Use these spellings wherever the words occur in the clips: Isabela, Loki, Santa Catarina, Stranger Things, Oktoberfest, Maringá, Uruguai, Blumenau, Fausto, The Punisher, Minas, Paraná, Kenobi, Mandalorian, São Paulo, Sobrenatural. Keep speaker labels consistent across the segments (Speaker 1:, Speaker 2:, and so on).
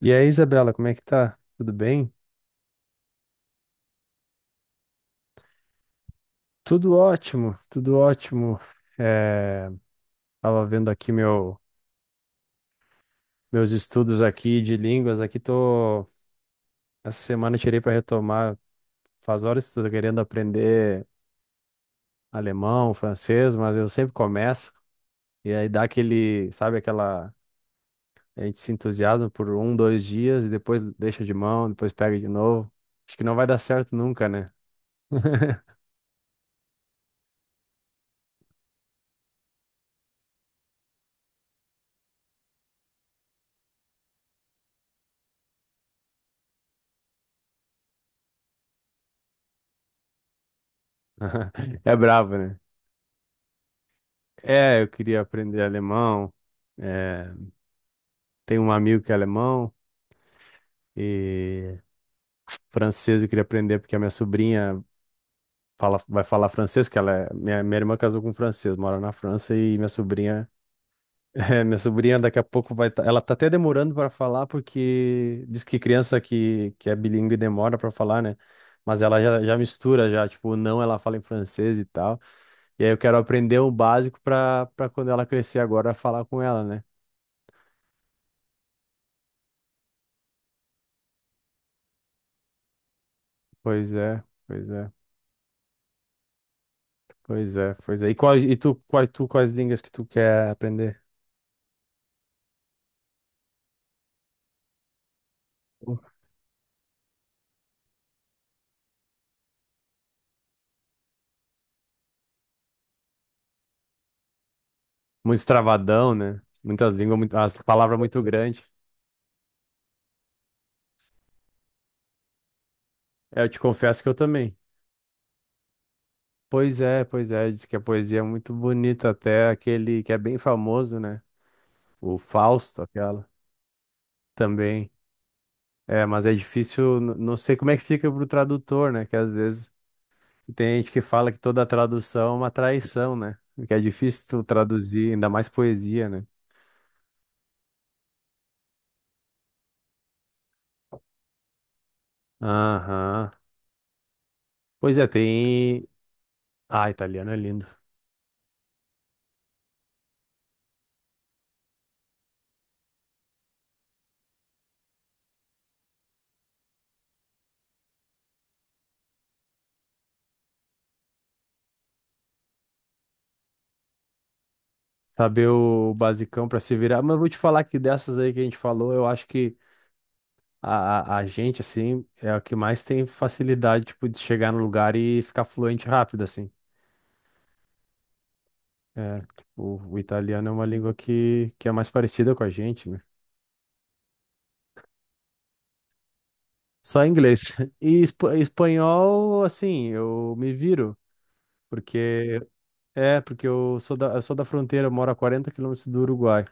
Speaker 1: E aí, Isabela, como é que tá? Tudo bem? Tudo ótimo, tudo ótimo. É, tava vendo aqui meus estudos aqui de línguas. Essa semana eu tirei para retomar. Faz horas que estou querendo aprender alemão, francês, mas eu sempre começo, e aí dá aquele, sabe, aquela a gente se entusiasma por um, dois dias, e depois deixa de mão, depois pega de novo. Acho que não vai dar certo nunca, né? É bravo, né? É, eu queria aprender alemão. É, tem um amigo que é alemão, e francês eu queria aprender porque a minha sobrinha fala, vai falar francês, porque ela é, minha irmã casou com um francês, mora na França, e minha sobrinha. É, minha sobrinha daqui a pouco vai, ela tá até demorando para falar porque diz que criança que é bilíngue demora para falar, né? Mas ela já mistura já, tipo, o não, ela fala em francês e tal. E aí eu quero aprender o básico para quando ela crescer agora falar com ela, né? Pois é, pois é. Pois é, pois é. E, quais, e tu, quais línguas que tu quer aprender? Muito travadão, né? Muitas línguas, muito, as palavras muito grandes. É, eu te confesso que eu também. Pois é, pois é. Diz que a poesia é muito bonita, até aquele que é bem famoso, né? O Fausto, aquela, também. É, mas é difícil. Não sei como é que fica pro tradutor, né? Que às vezes tem gente que fala que toda tradução é uma traição, né? Que é difícil tu traduzir, ainda mais poesia, né? Aham. Pois é, tem. Ah, italiano é lindo. Saber o basicão pra se virar. Mas eu vou te falar que dessas aí que a gente falou, eu acho que a gente, assim, é a que mais tem facilidade, tipo, de chegar no lugar e ficar fluente rápido, assim. É, o italiano é uma língua que é mais parecida com a gente, né? Só inglês. E espanhol, assim, eu me viro, porque... É, porque eu sou da fronteira, eu moro a 40 quilômetros do Uruguai.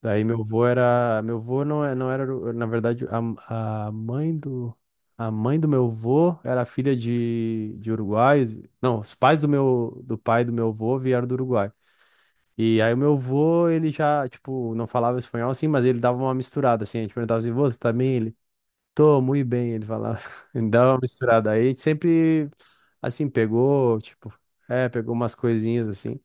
Speaker 1: Daí meu avô era, meu avô não, não era, na verdade, a, a mãe do, a mãe do meu avô era filha de uruguaios. Não, os pais do pai do meu avô vieram do Uruguai. E aí o meu avô, ele já, tipo, não falava espanhol assim, mas ele dava uma misturada assim. A gente perguntava assim, "Vô, você tá bem?" Ele, tô, muito bem, ele falava. Ele dava uma misturada. Aí a gente sempre, assim, pegou, tipo, pegou umas coisinhas assim.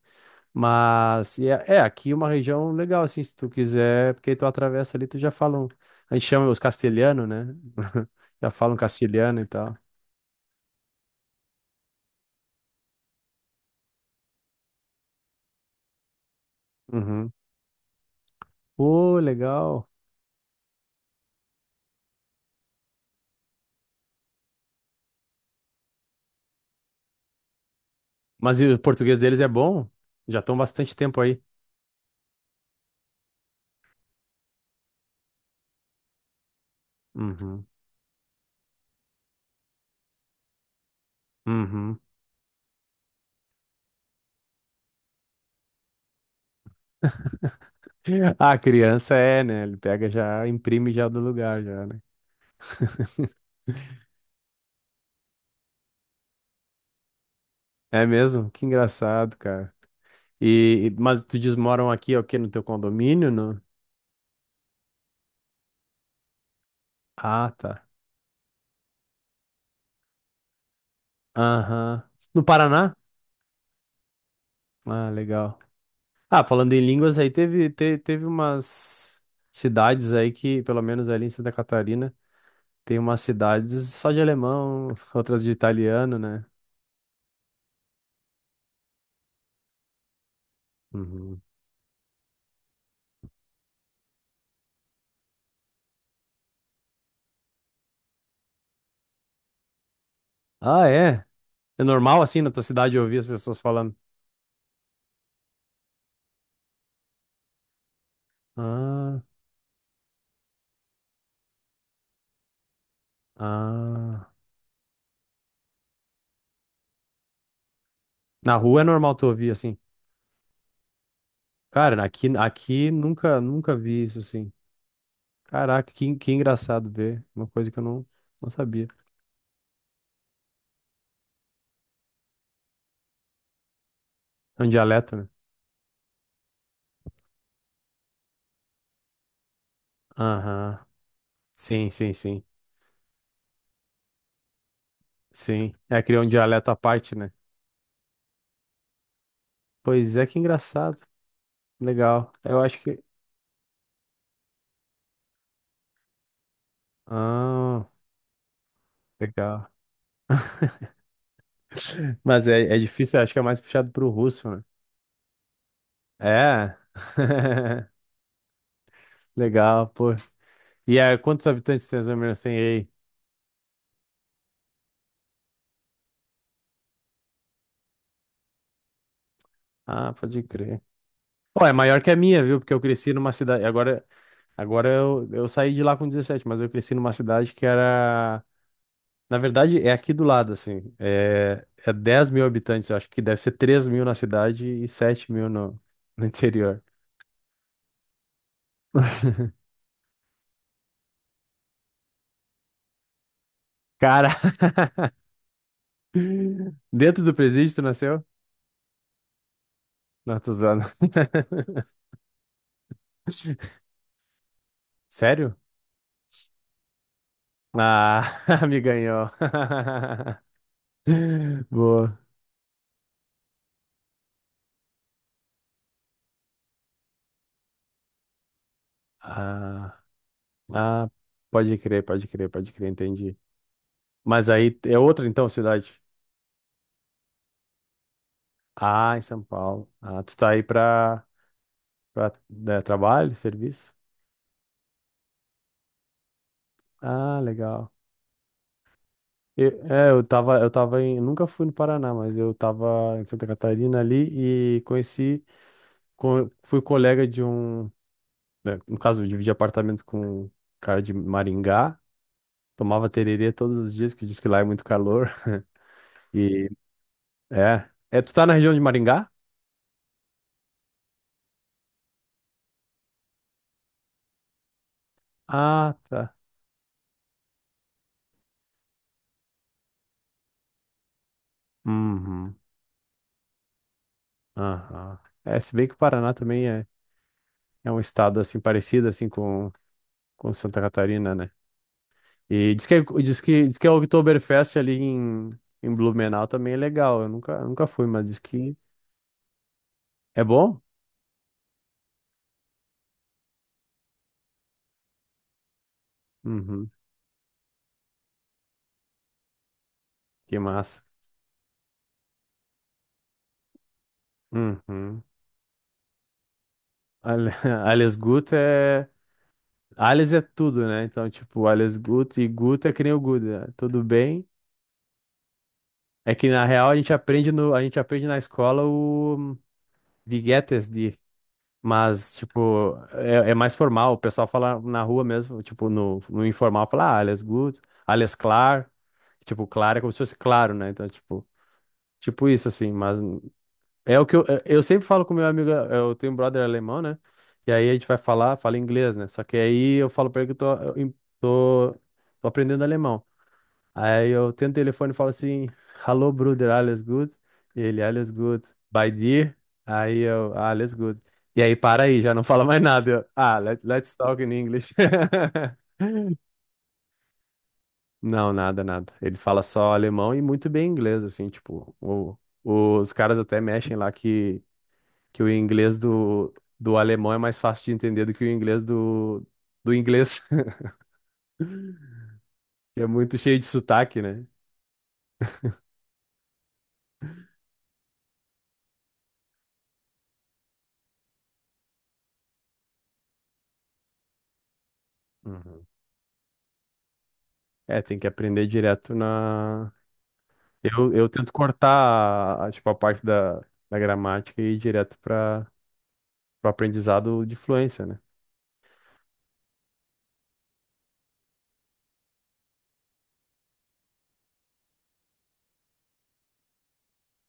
Speaker 1: Mas e aqui é uma região legal, assim, se tu quiser, porque tu atravessa ali, tu já falam. A gente chama os castelhanos, né? Já falam castelhano e tal. Uhum. Pô, legal. Mas e o português deles é bom? Já estão bastante tempo aí. Uhum. Uhum. A criança é, né? Ele pega já, imprime já do lugar, já, né? É mesmo? Que engraçado, cara. E, mas tu diz, moram aqui, é o quê? No teu condomínio, no... Ah, tá. Aham. No Paraná? Ah, legal. Ah, falando em línguas, aí teve, teve umas cidades aí que, pelo menos ali em Santa Catarina, tem umas cidades só de alemão, outras de italiano, né? Uhum. Ah, é? É normal assim na tua cidade ouvir as pessoas falando? Ah, ah. Na rua é normal tu ouvir assim. Cara, aqui nunca vi isso assim. Caraca, que engraçado ver. Uma coisa que eu não, não sabia. É um dialeto, né? Aham. Sim, sim, sim. Sim. É, criou um dialeto à parte, né? Pois é, que engraçado. Legal. Eu acho que... Ah, legal. Mas é difícil, eu acho que é mais puxado pro russo, né? É. Legal, pô. E aí, quantos habitantes tem as Minas tem aí? Ah, pode crer. Pô, é maior que a minha, viu? Porque eu cresci numa cidade. Agora, agora eu saí de lá com 17, mas eu cresci numa cidade que era... Na verdade, é aqui do lado, assim. É 10 mil habitantes, eu acho que deve ser 3 mil na cidade e 7 mil no interior. Cara, dentro do presídio tu nasceu? Não, tô zoando. Sério? Ah, me ganhou. Boa. Ah, ah, pode crer, pode crer, pode crer, entendi. Mas aí é outra, então, cidade? Ah, em São Paulo. Ah, tu tá aí pra... Pra, né, trabalho, serviço? Ah, legal. Eu tava em, nunca fui no Paraná, mas eu tava em Santa Catarina ali, e conheci, fui colega de um, né, no caso, eu dividi apartamento com um cara de Maringá, tomava tererê todos os dias, que diz que lá é muito calor. E, tu tá na região de Maringá? Ah, tá. Uhum, aham. É, se bem que o Paraná também é um estado, assim, parecido, assim, com Santa Catarina, né? E diz que, é, diz que a Oktoberfest ali em, Blumenau também é legal. Eu nunca fui, mas diz que é bom? Uhum, que massa. Uhum. Ale- Alles Gut é. Alles é tudo, né? Então, tipo, Alles Gut, e Gut é que nem o Gut, né? Tudo bem. É que na real a gente aprende no, a gente aprende na escola o Wie geht es dir? Mas, tipo, é mais formal. O pessoal fala na rua mesmo, tipo, no informal, fala, ah, alles gut, alles klar. Tipo, claro é como se fosse claro, né? Então, tipo, tipo isso, assim. Mas é o que eu sempre falo com meu amigo, eu tenho um brother alemão, né? E aí a gente vai falar, fala inglês, né? Só que aí eu falo pra ele que eu tô, eu em- tô, tô aprendendo alemão. Aí eu tento o telefone e falo assim, "Hello, brother, alles good?" Ele, "alles good, by dear?" Aí eu, ah, alles good. E aí para aí, já não fala mais nada. Eu, ah, let's talk in English. Não, nada, nada. Ele fala só alemão e muito bem inglês, assim, tipo, os caras até mexem lá que o inglês do alemão é mais fácil de entender do que o inglês do inglês, que é muito cheio de sotaque, né? Uhum. É, tem que aprender direto na... Eu tento cortar, tipo, a parte da gramática, e ir direto para o aprendizado de fluência, né?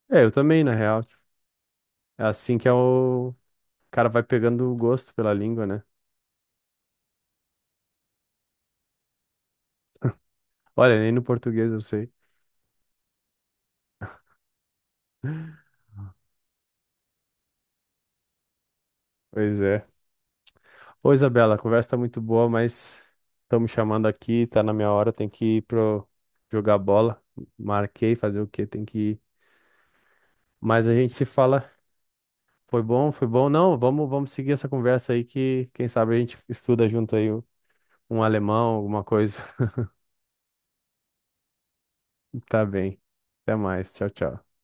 Speaker 1: É, eu também, na real, tipo, é assim que é o cara vai pegando o gosto pela língua, né? Olha, nem no português eu sei. Pois é. Ô, Isabela, a conversa tá muito boa, mas estão me chamando aqui, tá na minha hora, tem que ir pro jogar bola. Marquei, fazer o quê? Tem que ir. Mas a gente se fala. Foi bom, foi bom. Não, vamos, vamos seguir essa conversa aí, que quem sabe a gente estuda junto aí um alemão, alguma coisa. Tá bem. Até mais. Tchau, tchau.